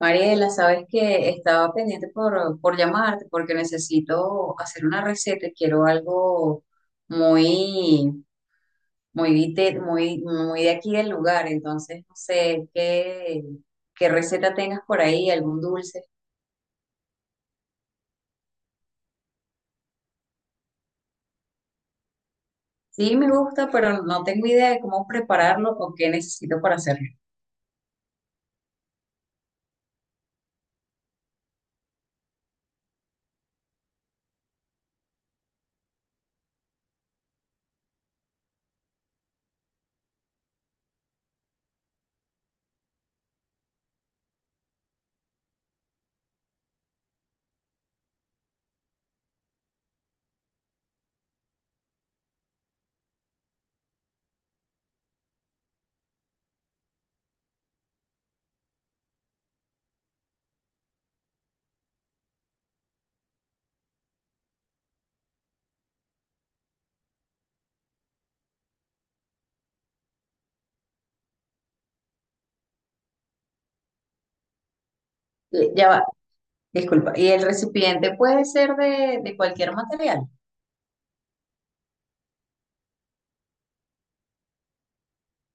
Mariela, sabes que estaba pendiente por llamarte porque necesito hacer una receta y quiero algo muy, muy de aquí del lugar. Entonces, no sé qué, qué receta tengas por ahí, algún dulce. Sí, me gusta, pero no tengo idea de cómo prepararlo o qué necesito para hacerlo. Ya va, disculpa. ¿Y el recipiente puede ser de cualquier material?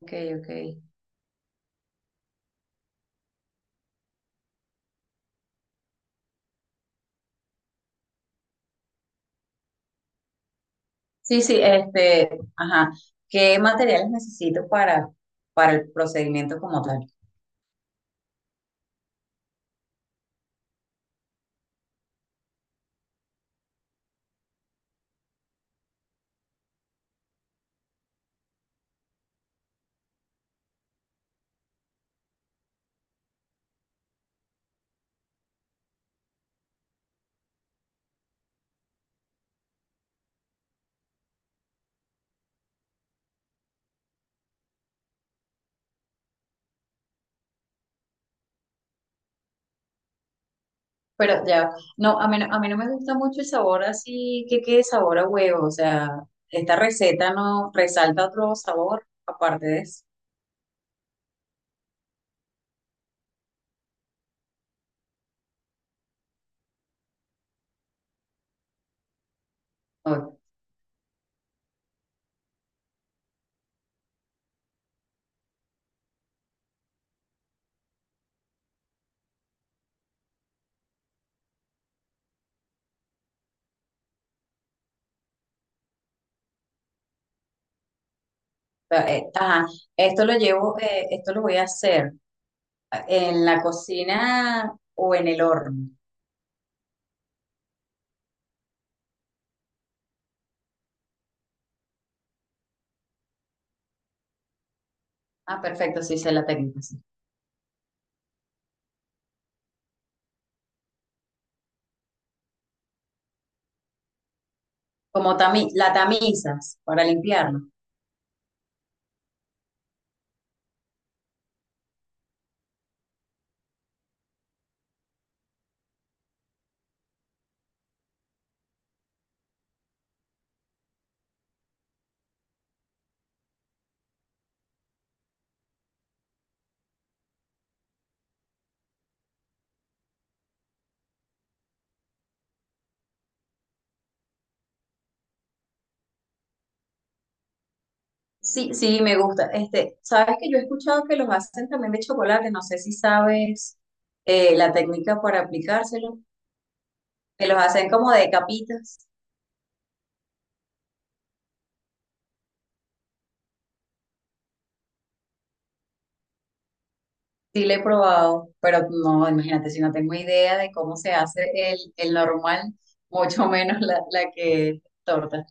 Ok, ok. Sí, sí, ajá. ¿Qué materiales necesito para el procedimiento como tal? Pero ya, a mí no me gusta mucho el sabor así que quede sabor a huevo, o sea, esta receta no resalta otro sabor aparte de eso. O sea, ajá, esto lo voy a hacer en la cocina o en el horno. Ah, perfecto, sí sé la técnica, sí. La tamizas para limpiarlo. Sí, sí, me gusta. Este, sabes que yo he escuchado que los hacen también de chocolate, no sé si sabes la técnica para aplicárselo, que los hacen como de capitas. Sí, le he probado, pero no, imagínate, si no tengo idea de cómo se hace el normal, mucho menos la que es torta.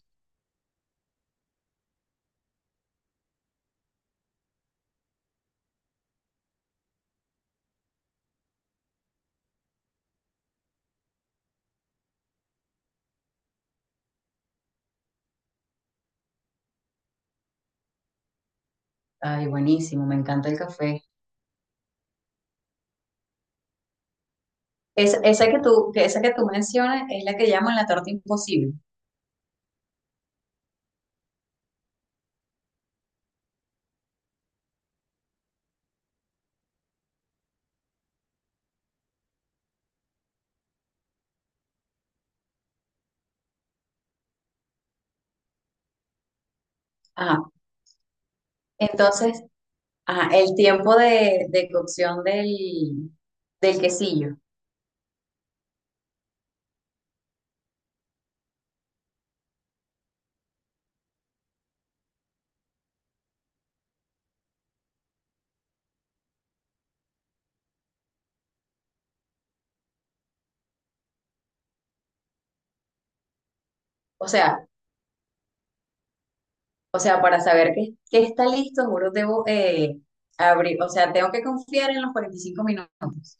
Ay, buenísimo, me encanta el café. Es, esa que tú, que esa que tú mencionas es la que llaman la torta imposible. Ajá. Entonces, ajá, el tiempo de cocción del quesillo. O sea, para saber que está listo, juro, debo abrir, o sea, tengo que confiar en los 45 minutos.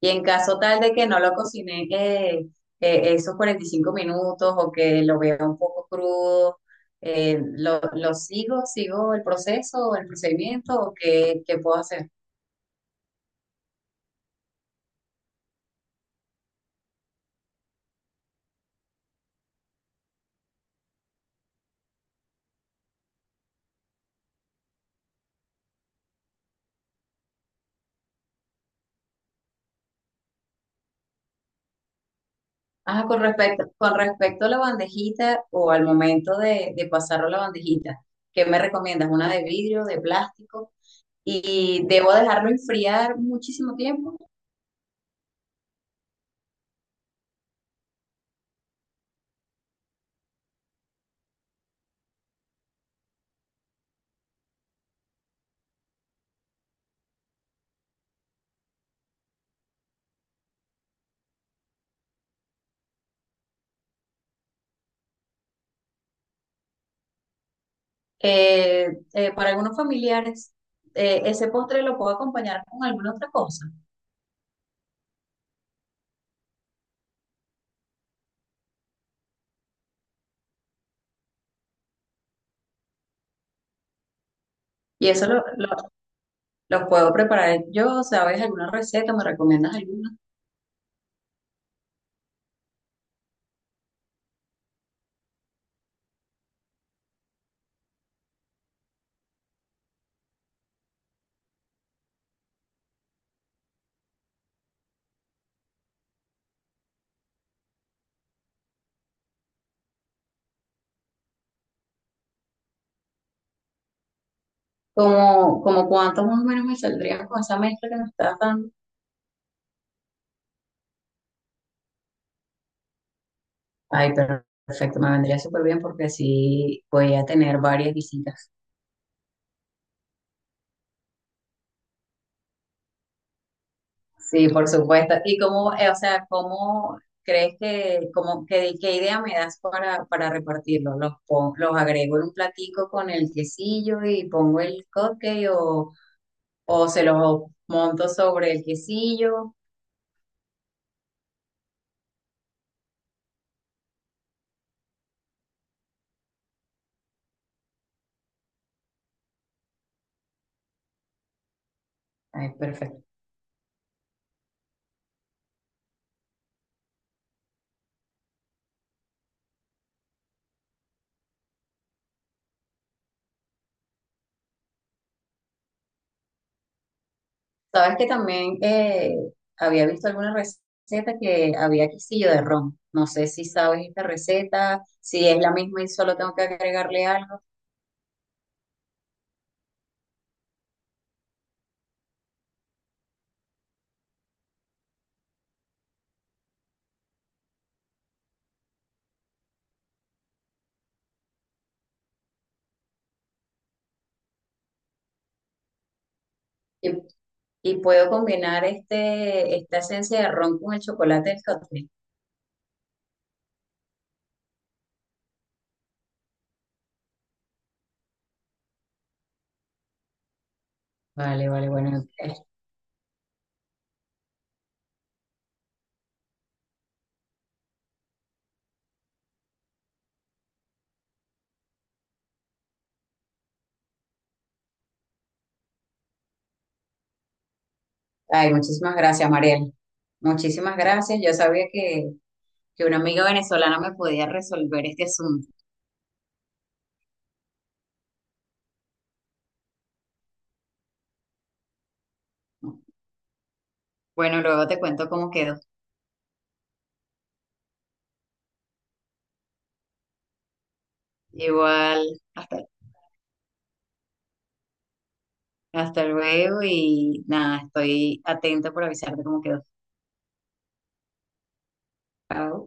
Y en caso tal de que no lo cociné, esos 45 minutos o que lo vea un poco crudo, lo sigo, sigo el proceso, el procedimiento o qué, qué puedo hacer. Ajá, con respecto a la bandejita o al momento de pasarlo a la bandejita, ¿qué me recomiendas? ¿Una de vidrio, de plástico? ¿Y debo dejarlo enfriar muchísimo tiempo? Eh, para algunos familiares, ese postre lo puedo acompañar con alguna otra cosa. Y lo puedo preparar yo, ¿sabes? ¿Alguna receta? ¿Me recomiendas alguna? Como cuánto más o menos me saldría con esa mezcla que me estás dando? Ay, perfecto, me vendría súper bien porque sí voy a tener varias visitas. Sí, por supuesto. ¿Y cómo, cómo crees que, cómo, qué idea me das para repartirlo? Los agrego en un platico con el quesillo y pongo el cupcake o se los monto sobre el quesillo? Ay, perfecto. Sabes que también había visto alguna receta que había quesillo de ron. No sé si sabes esta receta, si es la misma y solo tengo que agregarle algo. Y, y puedo combinar esta esencia de ron con el chocolate del cóctel. Vale, vale, bueno, ay, muchísimas gracias, Mariel. Muchísimas gracias. Yo sabía que una amiga venezolana me podía resolver este asunto. Bueno, luego te cuento cómo quedó. Igual, hasta. Hasta luego y nada, estoy atenta por avisarte cómo quedó. Chao.